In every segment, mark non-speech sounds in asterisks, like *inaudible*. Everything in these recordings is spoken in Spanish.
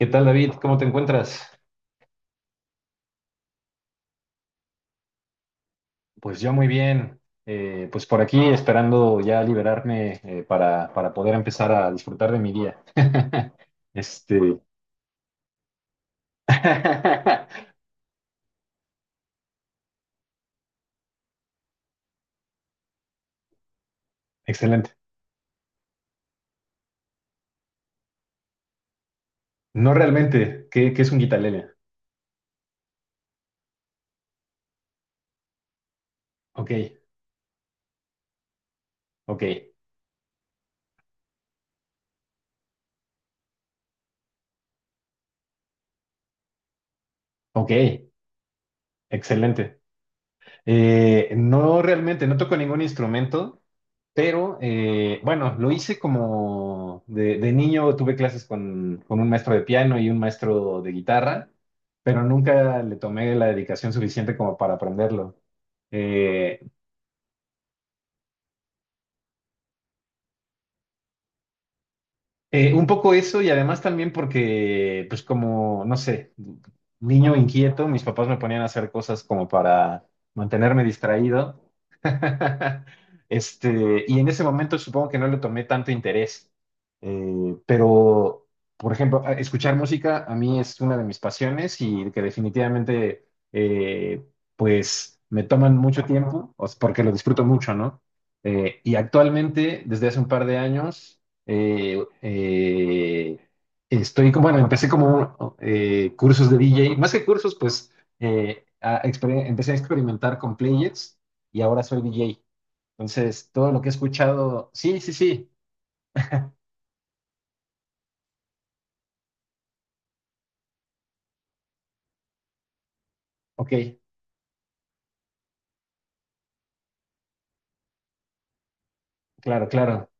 ¿Qué tal, David? ¿Cómo te encuentras? Pues yo muy bien. Pues por aquí esperando ya liberarme, para poder empezar a disfrutar de mi día. *laughs* Este. *laughs* Excelente. No realmente. ¿Qué es un guitarlele? Ok, ok, ok. Excelente. No realmente, no toco ningún instrumento, pero bueno, lo hice como de niño, tuve clases con un maestro de piano y un maestro de guitarra, pero nunca le tomé la dedicación suficiente como para aprenderlo. Eh, un poco eso y además también porque, pues como, no sé, niño inquieto, mis papás me ponían a hacer cosas como para mantenerme distraído. *laughs* Este, y en ese momento supongo que no le tomé tanto interés. Eh, pero, por ejemplo, escuchar música a mí es una de mis pasiones y que definitivamente, pues, me toman mucho tiempo, o sea, porque lo disfruto mucho, ¿no? Y actualmente, desde hace un par de años, eh, eh, estoy, bueno, empecé como cursos de DJ, más que cursos, pues empecé a experimentar con players y ahora soy DJ. Entonces, todo lo que he escuchado, sí, sí, sí, ok, claro, claro,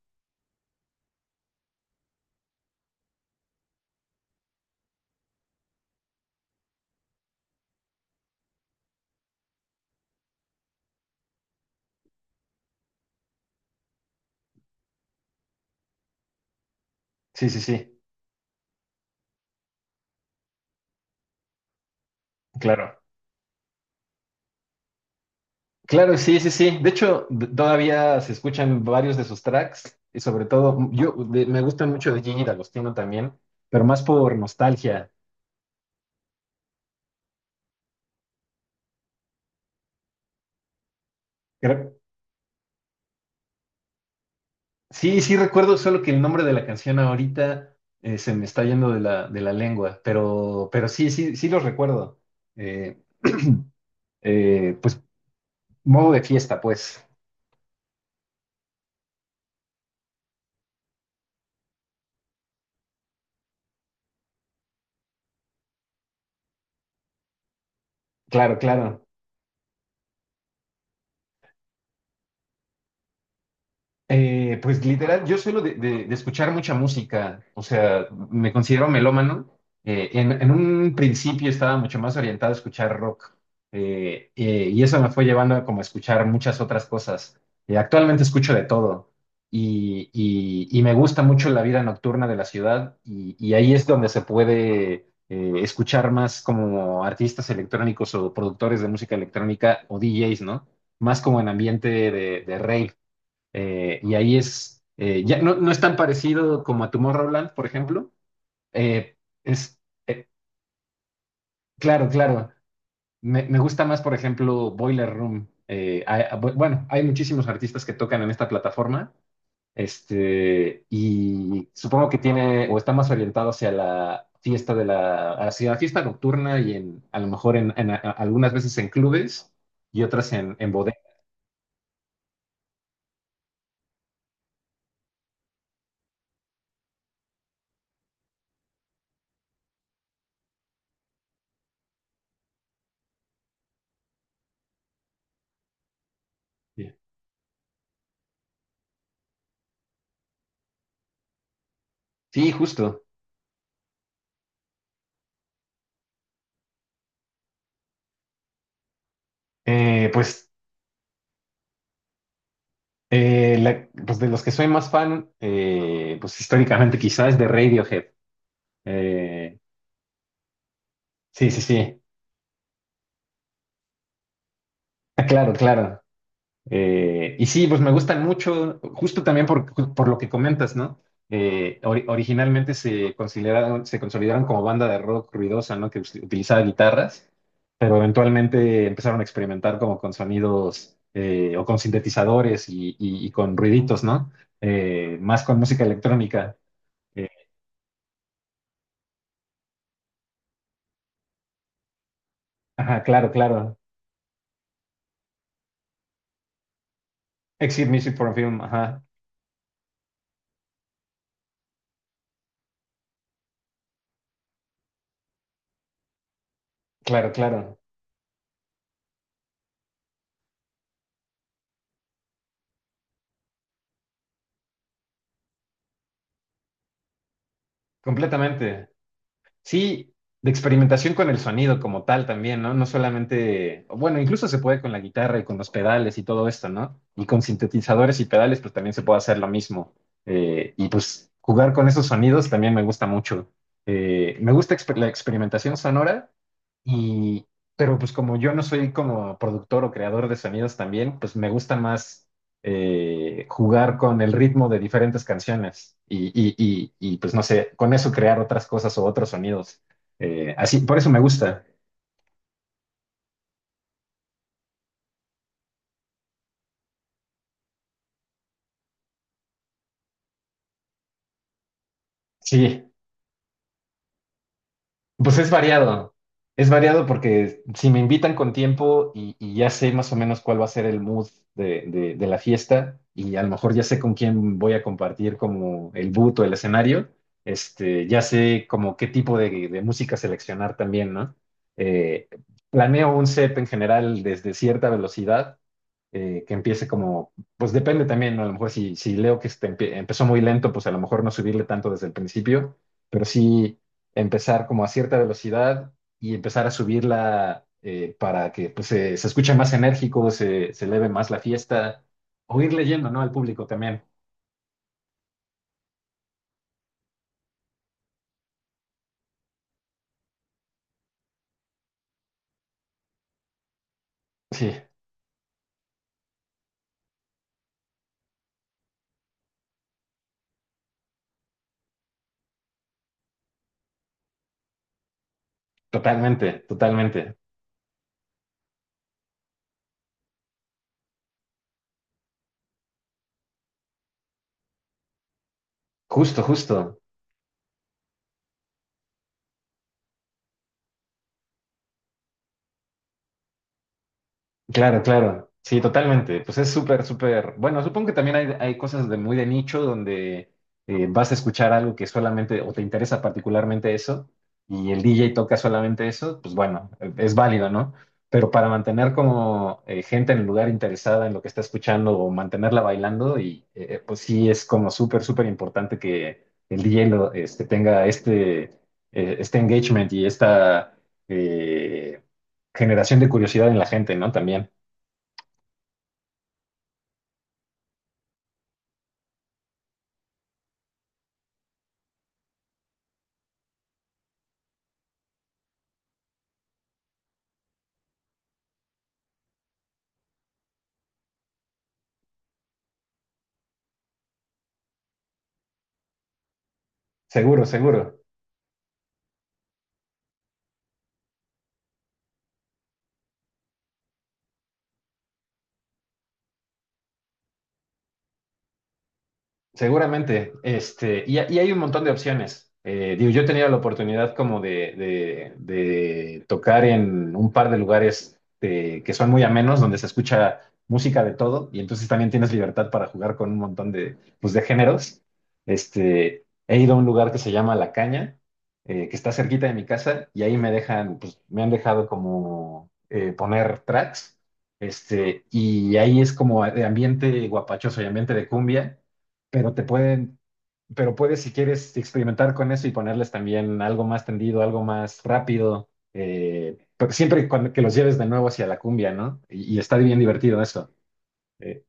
sí, sí, sí, claro. Claro, sí, sí, sí. De hecho, todavía se escuchan varios de sus tracks y sobre todo, yo me gustan mucho de Gigi D'Agostino también, pero más por nostalgia. Sí, sí recuerdo, solo que el nombre de la canción ahorita se me está yendo de la lengua, pero sí, sí, sí los recuerdo. Eh, *clears throat* pues modo de fiesta, pues. Claro, claro. Pues literal, yo suelo de escuchar mucha música, o sea, me considero melómano. En un principio estaba mucho más orientado a escuchar rock, y eso me fue llevando a como a escuchar muchas otras cosas. Actualmente escucho de todo y, y me gusta mucho la vida nocturna de la ciudad y ahí es donde se puede escuchar más como artistas electrónicos o productores de música electrónica o DJs, ¿no? Más como en ambiente de rave, y ahí es, ya no, no es tan parecido como a Tomorrowland, por ejemplo. Eh, es, eh, claro, claro. Me gusta más, por ejemplo, Boiler Room. Bueno, hay muchísimos artistas que tocan en esta plataforma. Este, y supongo que tiene o está más orientado hacia la fiesta de la, hacia la fiesta nocturna y en, a lo mejor en, algunas veces en clubes y otras en bodegas. Sí, justo. Eh, pues pues de los que soy más fan, pues históricamente quizás de Radiohead. Eh, sí, sí, sí. *laughs* Ah, claro, claro. Y sí, pues me gustan mucho, justo también por lo que comentas, ¿no? Originalmente se consideraron, se consolidaron como banda de rock ruidosa, ¿no? Que utilizaba guitarras, pero eventualmente empezaron a experimentar como con sonidos, o con sintetizadores y, y con ruiditos, ¿no? Más con música electrónica. Eh, Ajá, claro, claro. Exit Music for a Film, ajá. Claro, claro. Completamente. Sí, de experimentación con el sonido como tal también, ¿no? No solamente, bueno, incluso se puede con la guitarra y con los pedales y todo esto, ¿no? Y con sintetizadores y pedales, pues también se puede hacer lo mismo. Y pues jugar con esos sonidos también me gusta mucho. Me gusta la experimentación sonora. Y, pero pues como yo no soy como productor o creador de sonidos también, pues me gusta más, jugar con el ritmo de diferentes canciones y, pues no sé, con eso crear otras cosas o otros sonidos. Así, por eso me gusta. Sí. Pues es variado porque si me invitan con tiempo y ya sé más o menos cuál va a ser el mood de la fiesta y a lo mejor ya sé con quién voy a compartir como el boot o el escenario, este, ya sé como qué tipo de música seleccionar también, ¿no? Eh, Planeo un set en general desde cierta velocidad, que empiece como, pues depende también, ¿no? A lo mejor si, si leo que este empezó muy lento, pues a lo mejor no subirle tanto desde el principio, pero sí empezar como a cierta velocidad y empezar a subirla, para que pues, se escuche más enérgico, se eleve más la fiesta, o ir leyendo, ¿no? Al público también. Sí, totalmente, totalmente. Justo, justo. Claro, claro. Sí, totalmente. Pues es súper, súper. Bueno, supongo que también hay cosas de muy de nicho donde, vas a escuchar algo que solamente o te interesa particularmente eso y el DJ toca solamente eso, pues bueno, es válido, ¿no? Pero para mantener como, gente en el lugar interesada en lo que está escuchando o mantenerla bailando, y pues sí es como súper, súper importante que el DJ lo, este, tenga este, este engagement y esta eh, generación de curiosidad en la gente, ¿no? También. Seguro, seguro. Seguramente, este, y hay un montón de opciones. Digo, yo he tenido la oportunidad como de tocar en un par de lugares, que son muy amenos, donde se escucha música de todo, y entonces también tienes libertad para jugar con un montón de, pues, de géneros. Este, he ido a un lugar que se llama La Caña, que está cerquita de mi casa, y ahí me dejan, pues, me han dejado como, poner tracks, este, y ahí es como de ambiente guapachoso y ambiente de cumbia, pero te pueden, pero puedes si quieres experimentar con eso y ponerles también algo más tendido, algo más rápido, pero siempre cuando, que los lleves de nuevo hacia la cumbia, ¿no? Y está bien divertido eso, eh,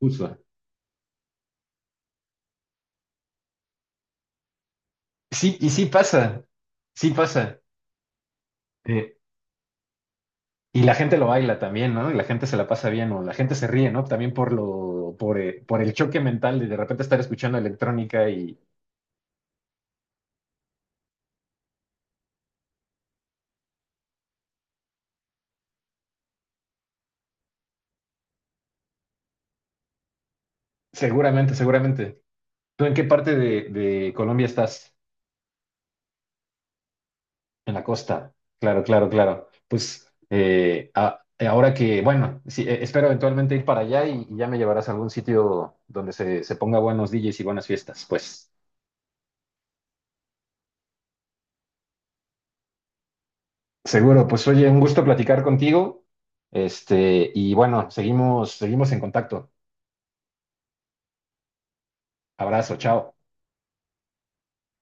justo. Sí, y sí pasa, sí pasa. eh, y la gente lo baila también, ¿no? Y la gente se la pasa bien, o la gente se ríe, ¿no? También por lo, por el choque mental de repente estar escuchando electrónica y seguramente, seguramente. ¿Tú en qué parte de Colombia estás? En la costa, claro, claro, claro. Pues ahora que, bueno, sí, espero eventualmente ir para allá y ya me llevarás a algún sitio donde se ponga buenos DJs y buenas fiestas. Pues seguro, pues oye, un gusto platicar contigo. Este, y bueno, seguimos, seguimos en contacto. Abrazo, chao.